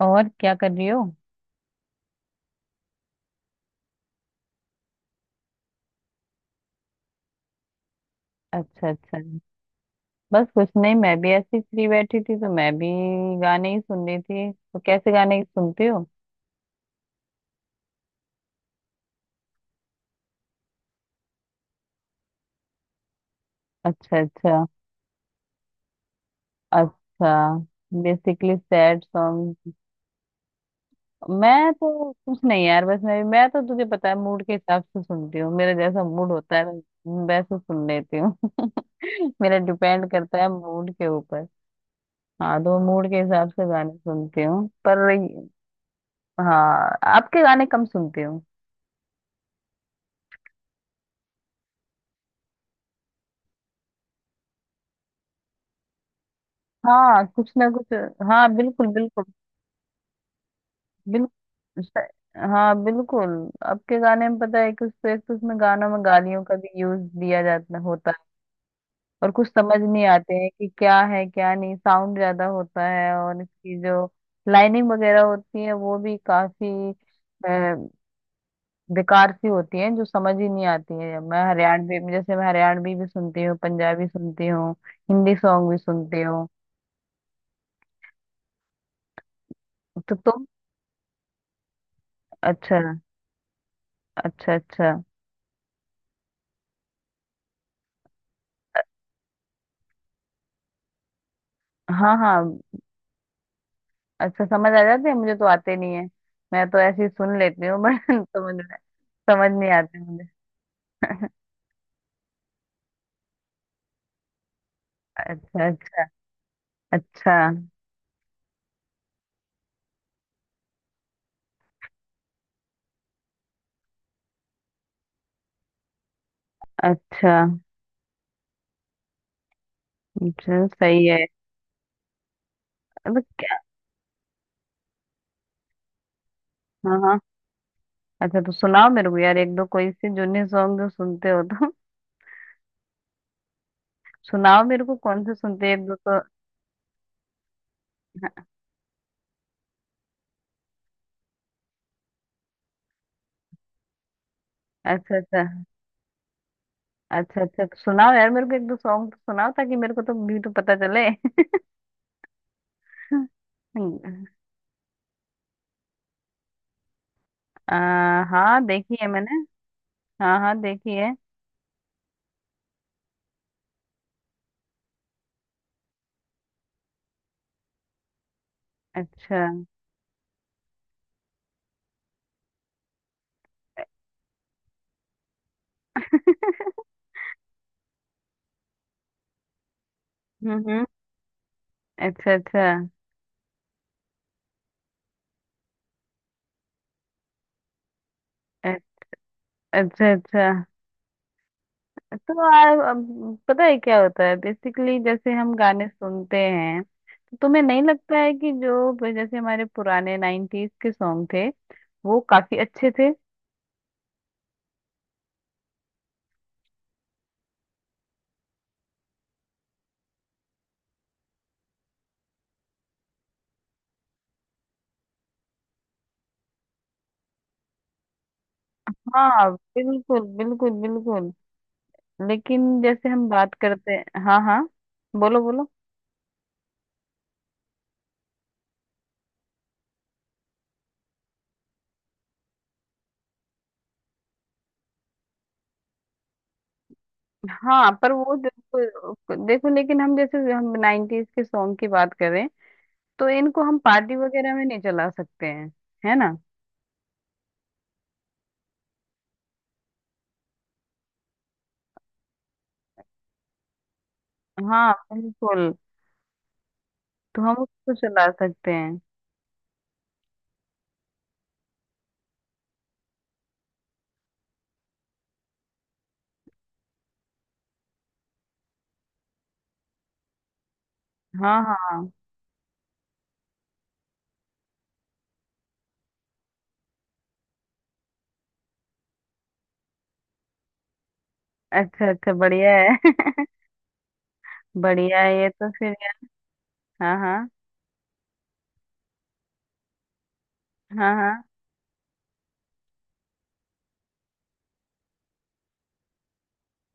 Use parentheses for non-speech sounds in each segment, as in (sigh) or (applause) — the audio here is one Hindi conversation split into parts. और क्या कर रही हो। अच्छा अच्छा। बस कुछ नहीं, मैं भी ऐसी फ्री बैठी थी तो मैं भी गाने ही सुन रही थी। तो कैसे गाने सुनती हो? अच्छा अच्छा। अच्छा, बेसिकली सैड सॉन्ग। मैं तो कुछ नहीं यार, बस मैं तो तुझे पता है, मूड के हिसाब से सुनती हूँ। मेरा जैसा मूड होता है मैं वैसे सुन लेती हूँ (laughs) मेरा डिपेंड करता है मूड के ऊपर। हाँ, तो मूड के हिसाब से गाने सुनती हूँ पर हाँ आपके गाने कम सुनती हूँ। हाँ, कुछ ना कुछ। हाँ बिल्कुल बिल्कुल। बिल्कुल स- हाँ बिल्कुल। अब के गाने में पता है कुछ तो, एक तो उसमें गानों में गालियों का भी यूज दिया जाता होता है। और कुछ समझ नहीं आते हैं कि क्या है क्या नहीं, साउंड ज्यादा होता है। और इसकी जो लाइनिंग वगैरह होती है वो भी काफी अ, बेकार सी होती है, जो समझ ही नहीं आती है। मैं हरियाणवी भी सुनती हूँ, पंजाबी सुनती हूँ, हिंदी सॉन्ग भी सुनती हूँ। तो तुम। अच्छा अच्छा। अच्छा। हाँ हाँ। अच्छा, समझ आ जाते हैं? मुझे तो आते नहीं है, मैं तो ऐसे ही सुन लेती हूँ बट (laughs) समझ नहीं आते मुझे। अच्छा अच्छा। अच्छा। अच्छा अच्छा, सही है। अब क्या। हाँ हाँ, अच्छा तो सुनाओ मेरे को यार एक दो कोई से जूनी सॉन्ग जो सुनते हो तो (laughs) सुनाओ मेरे को, कौन से सुनते हैं एक दो तो। अच्छा अच्छा। अच्छा अच्छा, तो सुनाओ यार मेरे को एक दो सॉन्ग तो सुनाओ, ताकि मेरे को तो भी तो पता चले (laughs) आ, हाँ देखी है मैंने। हाँ हाँ देखी है। अच्छा, हम्म। अच्छा अच्छा। अ- अच्छा अच्छा। तो अब पता है क्या होता है, बेसिकली जैसे हम गाने सुनते हैं तो तुम्हें नहीं लगता है कि जो जैसे हमारे पुराने 90s के सॉन्ग थे वो काफी अच्छे थे। हाँ बिल्कुल बिल्कुल बिल्कुल। लेकिन जैसे हम बात करते हैं। हाँ हाँ, बोलो बोलो। हाँ पर वो देखो देखो लेकिन हम 90s के सॉन्ग की बात करें तो इनको हम पार्टी वगैरह में नहीं चला सकते हैं। है ना। हाँ बिल्कुल, तो हम उसको चला सकते हैं। हाँ हाँ। अच्छा अच्छा, बढ़िया है (laughs) बढ़िया है ये तो फिर। हाँ हाँ हाँ हाँ।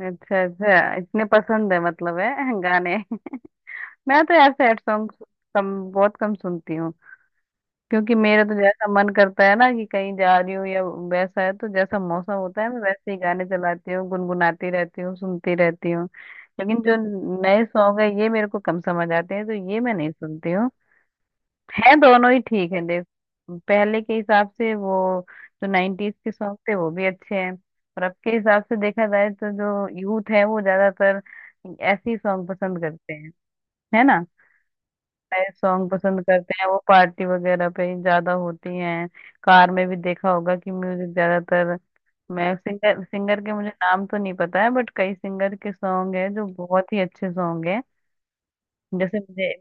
अच्छा अच्छा, इतने पसंद है मतलब है गाने (laughs) मैं तो यार सैड सॉन्ग कम, बहुत कम सुनती हूँ। क्योंकि मेरा तो जैसा मन करता है ना, कि कहीं जा रही हूँ या वैसा है तो जैसा मौसम होता है मैं वैसे ही गाने चलाती हूँ, गुनगुनाती रहती हूँ, सुनती रहती हूँ। लेकिन जो नए सॉन्ग है ये मेरे को कम समझ आते हैं, तो ये मैं नहीं सुनती है। दोनों ही ठीक है देख। पहले के हिसाब से वो जो 90s के सॉन्ग थे वो भी अच्छे हैं। और अब के हिसाब से देखा जाए तो जो यूथ है वो ज्यादातर ऐसे ही सॉन्ग पसंद करते हैं, है ना। सॉन्ग पसंद करते हैं, वो पार्टी वगैरह पे ही ज्यादा होती हैं। कार में भी देखा होगा कि म्यूजिक ज्यादातर। मैं सिंगर सिंगर के मुझे नाम तो नहीं पता है बट कई सिंगर के सॉन्ग है जो बहुत ही अच्छे सॉन्ग है। जैसे मुझे,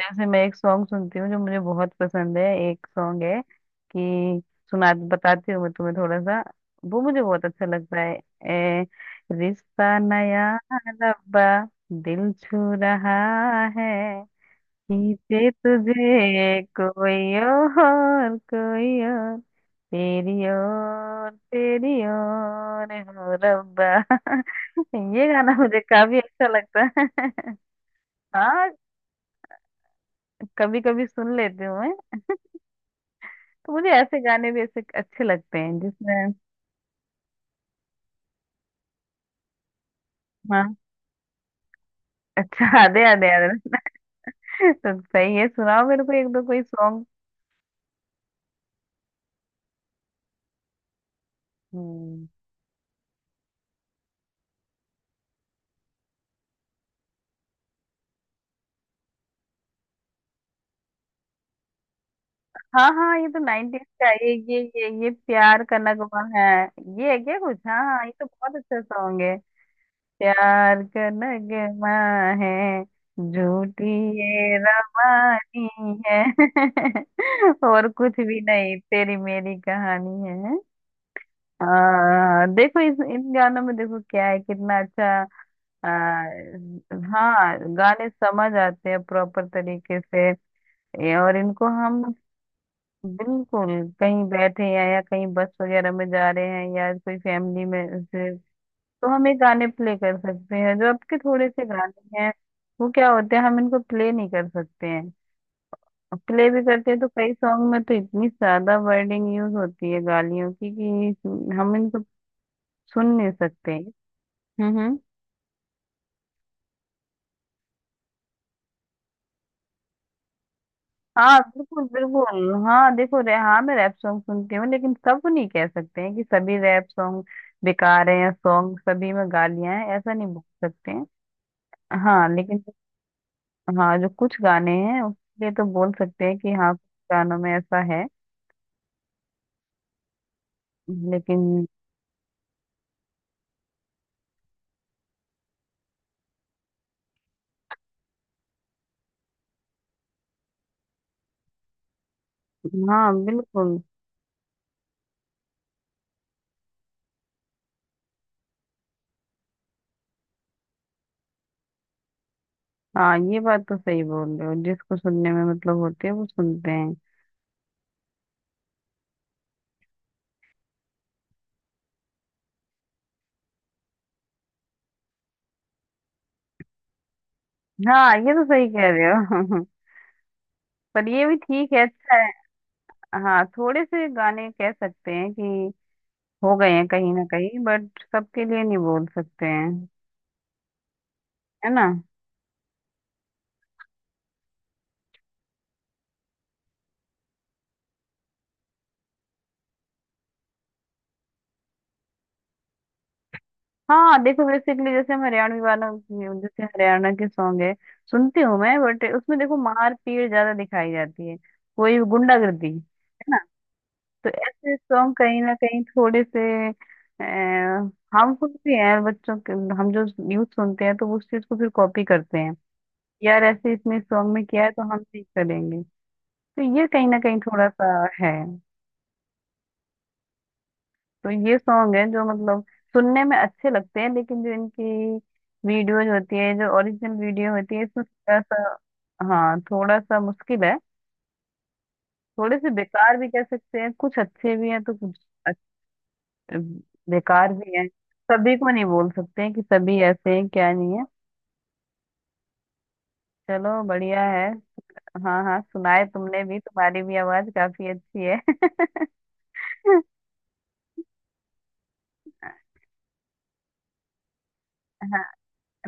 जैसे मैं एक सॉन्ग सुनती हूँ जो मुझे बहुत पसंद है। एक सॉन्ग है कि, सुना बताती हूँ मैं तुम्हें थोड़ा सा, वो मुझे बहुत अच्छा लगता है। ए, रिश्ता नया रब्बा, दिल छू रहा है, खींचे तुझे कोई और कोई और, तेरी और तेरी और हो रब्बा (laughs) ये गाना मुझे काफी अच्छा लगता है (laughs) हाँ कभी कभी सुन लेती हूँ मैं। तो मुझे ऐसे गाने भी ऐसे अच्छे लगते हैं जिसमें। हाँ। अच्छा, आधे आधे आधे (laughs) तो सही है, सुनाओ मेरे को एक दो कोई सॉन्ग। हम्म। हाँ हाँ ये तो 90s का है, ये प्यार का नगमा है। ये है क्या कुछ, हाँ हाँ ये तो बहुत अच्छा सॉन्ग है। प्यार का नगमा है, झूठी ये रवानी है (laughs) और कुछ भी नहीं तेरी मेरी कहानी है। हाँ देखो इस इन गानों में देखो क्या है, कितना अच्छा। हाँ, गाने समझ आते हैं प्रॉपर तरीके से। और इनको हम बिल्कुल, कहीं बैठे हैं या कहीं बस वगैरह में जा रहे हैं या कोई फैमिली में से, तो हम ये गाने प्ले कर सकते हैं। जो आपके थोड़े से गाने हैं वो क्या होते हैं, हम इनको प्ले नहीं कर सकते हैं। प्ले भी करते हैं तो कई सॉन्ग में तो इतनी ज्यादा वर्डिंग यूज होती है गालियों की कि हम इनको सुन नहीं सकते। हम्म। हाँ बिल्कुल बिल्कुल। हाँ देखो रे, हाँ मैं रैप सॉन्ग सुनती हूँ लेकिन सब नहीं कह सकते हैं कि सभी रैप सॉन्ग बेकार हैं या सॉन्ग सभी में गालियां हैं, ऐसा नहीं बोल सकते हैं। हाँ लेकिन हाँ, जो कुछ गाने हैं उसके लिए तो बोल सकते हैं कि हाँ कुछ गानों में ऐसा है लेकिन। हाँ बिल्कुल। हाँ, ये बात तो सही बोल रहे हो, जिसको सुनने में मतलब होती है वो सुनते हैं। हाँ ये तो सही कह रहे हो (laughs) पर ये भी ठीक है, अच्छा है। हाँ, थोड़े से गाने कह सकते हैं कि हो गए हैं कहीं ना कहीं, बट सबके लिए नहीं बोल सकते हैं, है ना। हाँ देखो बेसिकली जैसे हम हरियाणवी वालों की- जैसे हरियाणा के सॉन्ग है, सुनती हूँ मैं, बट उसमें देखो मार पीट ज्यादा दिखाई जाती है, कोई गुंडागर्दी, है ना। तो ऐसे सॉन्ग कहीं ना कहीं थोड़े से हार्मफुल भी है बच्चों के। हम जो यूथ सुनते हैं तो वो उस चीज को फिर कॉपी करते हैं, यार ऐसे इसने सॉन्ग में किया है तो हम भी करेंगे। तो ये कहीं ना कहीं थोड़ा सा है। तो ये सॉन्ग है जो मतलब सुनने में अच्छे लगते हैं लेकिन जो इनकी वीडियोज होती है, जो ओरिजिनल वीडियो होती है, इसमें थोड़ा सा, हाँ थोड़ा सा मुश्किल है। थोड़े से बेकार भी कह सकते हैं, कुछ अच्छे भी हैं तो कुछ अच्छ- बेकार भी हैं। सभी को नहीं बोल सकते हैं कि सभी ऐसे हैं क्या नहीं है। चलो बढ़िया है। हाँ हाँ सुनाए तुमने भी, तुम्हारी भी आवाज काफी अच्छी है (laughs)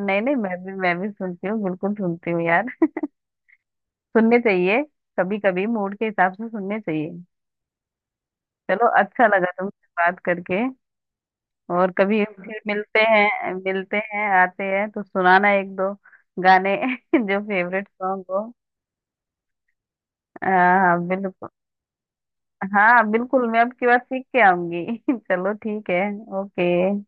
नहीं नहीं मैं भी सुनती हूँ, बिल्कुल सुनती हूँ यार। सुनने चाहिए, कभी कभी मूड के हिसाब से सुनने चाहिए। चलो अच्छा लगा तुमसे बात करके। और कभी फिर मिलते हैं, मिलते हैं आते हैं तो सुनाना एक दो गाने (laughs) जो फेवरेट सॉन्ग हो। हाँ बिल्कुल। हाँ बिल्कुल, मैं अब की बार सीख के आऊंगी (laughs) चलो ठीक है। ओके।